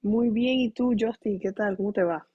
Muy bien, ¿y tú, Justin? ¿Qué tal? ¿Cómo te va?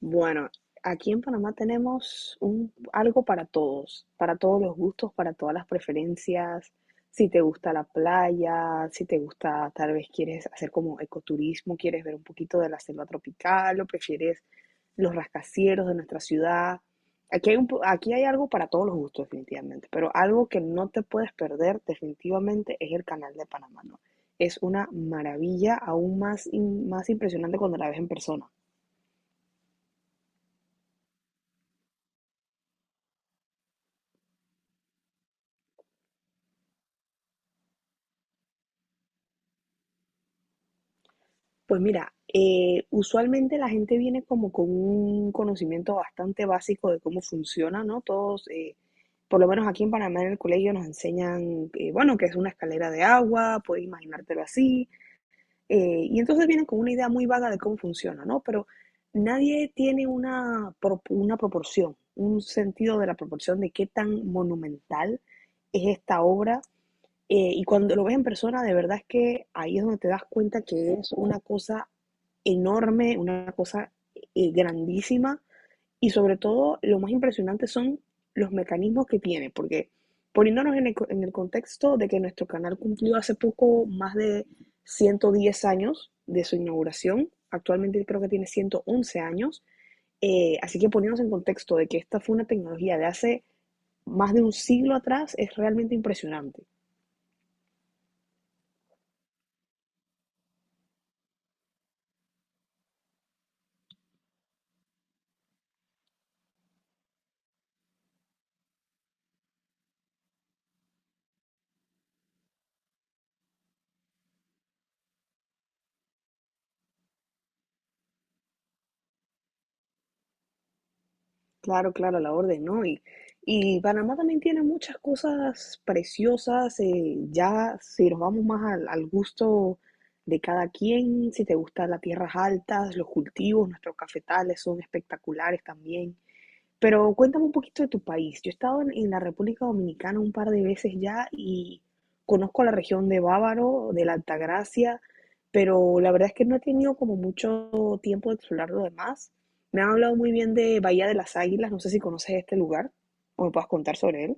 Bueno, aquí en Panamá tenemos algo para todos los gustos, para todas las preferencias. Si te gusta la playa, si te gusta, tal vez quieres hacer como ecoturismo, quieres ver un poquito de la selva tropical o prefieres los rascacielos de nuestra ciudad. Aquí hay algo para todos los gustos, definitivamente, pero algo que no te puedes perder definitivamente es el canal de Panamá, ¿no? Es una maravilla aún más, más impresionante cuando la ves en persona. Pues mira, usualmente la gente viene como con un conocimiento bastante básico de cómo funciona, ¿no? Todos, por lo menos aquí en Panamá en el colegio nos enseñan, bueno, que es una escalera de agua, puedes imaginártelo así. Y entonces vienen con una idea muy vaga de cómo funciona, ¿no? Pero nadie tiene una proporción, un sentido de la proporción de qué tan monumental es esta obra. Y cuando lo ves en persona, de verdad es que ahí es donde te das cuenta que es una cosa enorme, una cosa grandísima, y sobre todo, lo más impresionante son los mecanismos que tiene, porque poniéndonos en el contexto de que nuestro canal cumplió hace poco más de 110 años de su inauguración, actualmente creo que tiene 111 años. Así que poniéndonos en contexto de que esta fue una tecnología de hace más de un siglo atrás, es realmente impresionante. Claro, claro, a la orden, ¿no? Y Panamá también tiene muchas cosas preciosas, ya si nos vamos más al gusto de cada quien, si te gustan las tierras altas, los cultivos, nuestros cafetales son espectaculares también. Pero cuéntame un poquito de tu país. Yo he estado en la República Dominicana un par de veces ya y conozco la región de Bávaro, de la Altagracia, pero la verdad es que no he tenido como mucho tiempo de explorar lo demás. Me han hablado muy bien de Bahía de las Águilas, no sé si conoces este lugar o me puedas contar sobre él.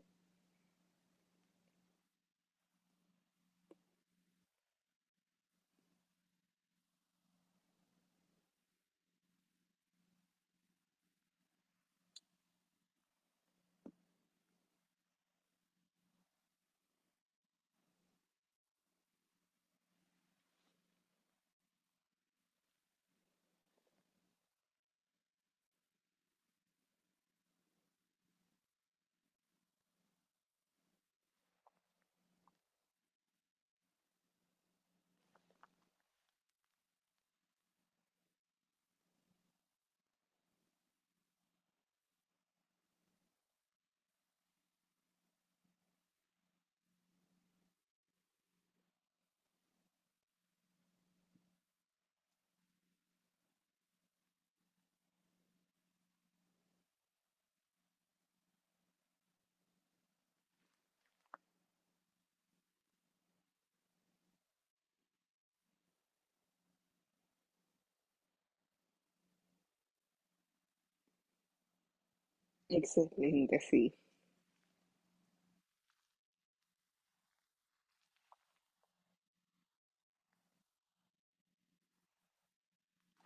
Excelente, sí.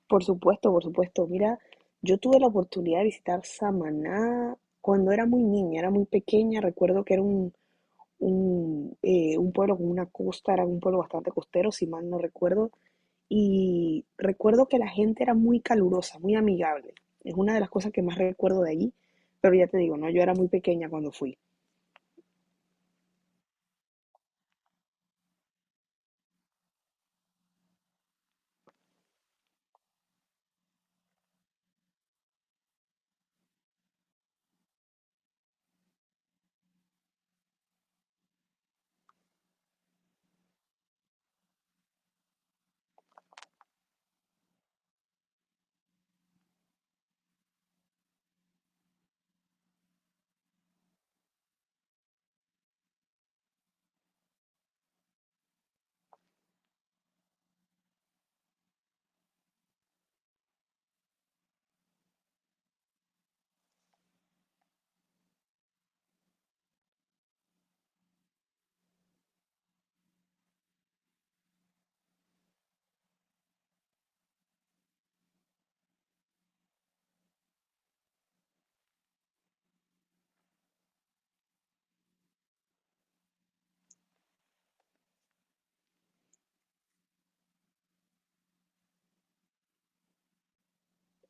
Por supuesto, por supuesto. Mira, yo tuve la oportunidad de visitar Samaná cuando era muy niña, era muy pequeña. Recuerdo que era un pueblo con una costa, era un pueblo bastante costero, si mal no recuerdo, y recuerdo que la gente era muy calurosa, muy amigable. Es una de las cosas que más recuerdo de allí, pero ya te digo, no, yo era muy pequeña cuando fui.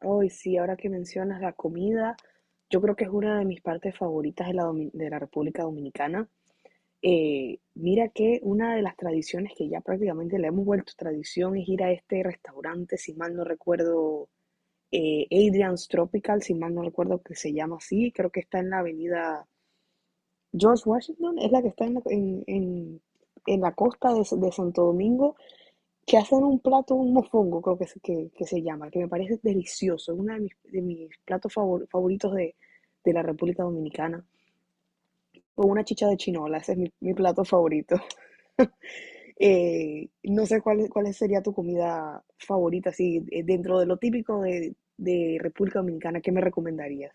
Ay sí, ahora que mencionas la comida, yo creo que es una de mis partes favoritas de de la República Dominicana. Mira que una de las tradiciones que ya prácticamente le hemos vuelto tradición es ir a este restaurante, si mal no recuerdo, Adrian's Tropical, si mal no recuerdo que se llama así, creo que está en la avenida George Washington, es la que está en la costa de Santo Domingo, que hacen un plato, un mofongo, creo que se llama, que me parece delicioso, es uno de de mis platos favoritos de la República Dominicana. Con una chicha de chinola, ese es mi plato favorito. No sé cuál sería tu comida favorita, así, dentro de lo típico de República Dominicana, ¿qué me recomendarías?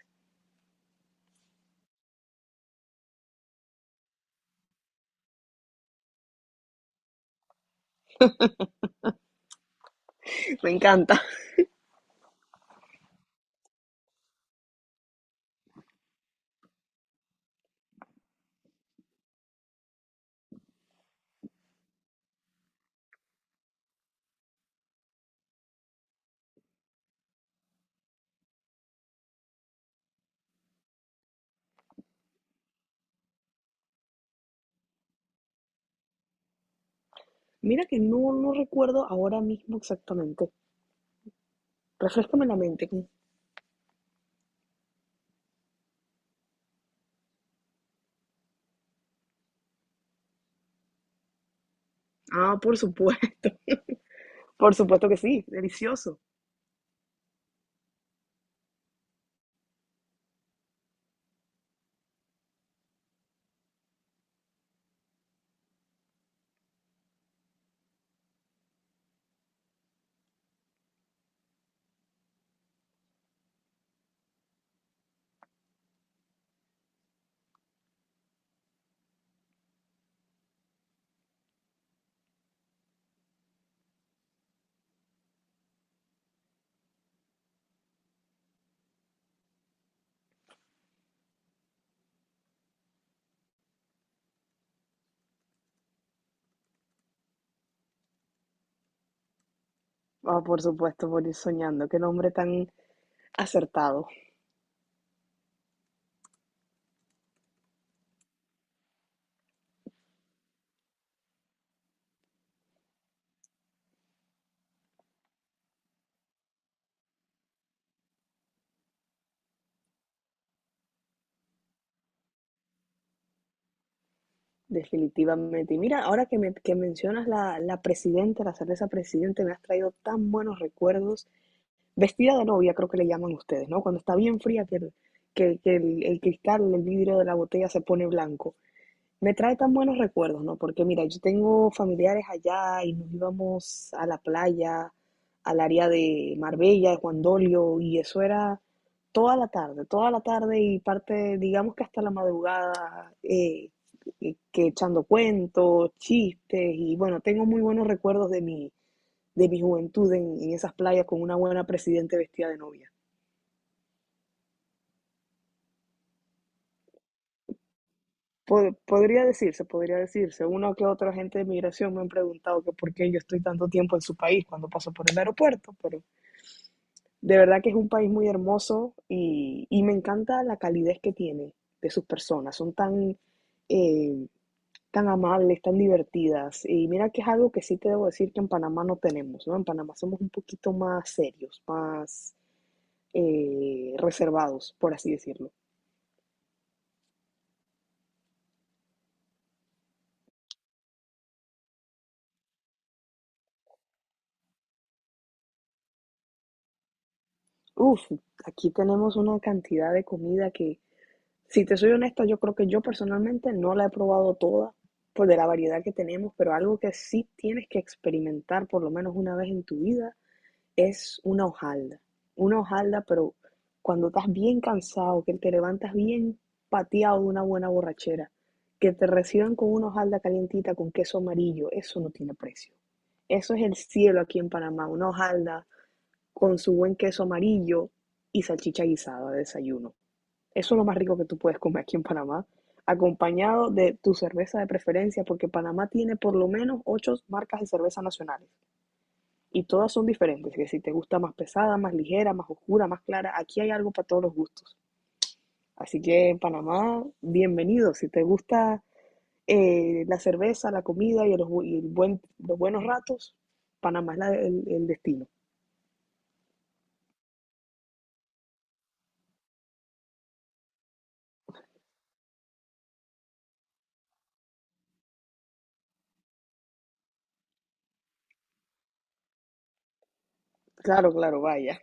Me encanta. Mira que no, no recuerdo ahora mismo exactamente. Refrescame la mente. Ah, por supuesto. Por supuesto que sí, delicioso. Ah, por supuesto, por ir soñando. Qué nombre tan acertado, definitivamente. Y mira, ahora que mencionas la presidenta, la cerveza presidente, me has traído tan buenos recuerdos. Vestida de novia, creo que le llaman ustedes, ¿no? Cuando está bien fría, que el cristal, el vidrio de la botella se pone blanco. Me trae tan buenos recuerdos, ¿no? Porque mira, yo tengo familiares allá y nos íbamos a la playa, al área de Marbella, de Juan Dolio, y eso era toda la tarde y parte, digamos que hasta la madrugada, que echando cuentos, chistes, y bueno, tengo muy buenos recuerdos de de mi juventud en esas playas con una buena presidente vestida de novia. Podría decirse, podría decirse. Una que otra gente de migración me han preguntado que por qué yo estoy tanto tiempo en su país cuando paso por el aeropuerto, pero de verdad que es un país muy hermoso y me encanta la calidez que tiene de sus personas. Son tan, eh, tan amables, tan divertidas. Y mira que es algo que sí te debo decir que en Panamá no tenemos, ¿no? En Panamá somos un poquito más serios, más reservados, por así decirlo. Uf, aquí tenemos una cantidad de comida que... Si te soy honesta, yo creo que yo personalmente no la he probado toda por de la variedad que tenemos, pero algo que sí tienes que experimentar por lo menos una vez en tu vida es una hojalda. Una hojalda, pero cuando estás bien cansado, que te levantas bien pateado de una buena borrachera, que te reciban con una hojalda calientita con queso amarillo, eso no tiene precio. Eso es el cielo aquí en Panamá, una hojalda con su buen queso amarillo y salchicha guisada de desayuno. Eso es lo más rico que tú puedes comer aquí en Panamá, acompañado de tu cerveza de preferencia, porque Panamá tiene por lo menos 8 marcas de cerveza nacionales y todas son diferentes, que si te gusta más pesada, más ligera, más oscura, más clara, aquí hay algo para todos los gustos. Así que en Panamá, bienvenido. Si te gusta la cerveza, la comida y los buenos ratos, Panamá es el destino. Claro, claro, vaya.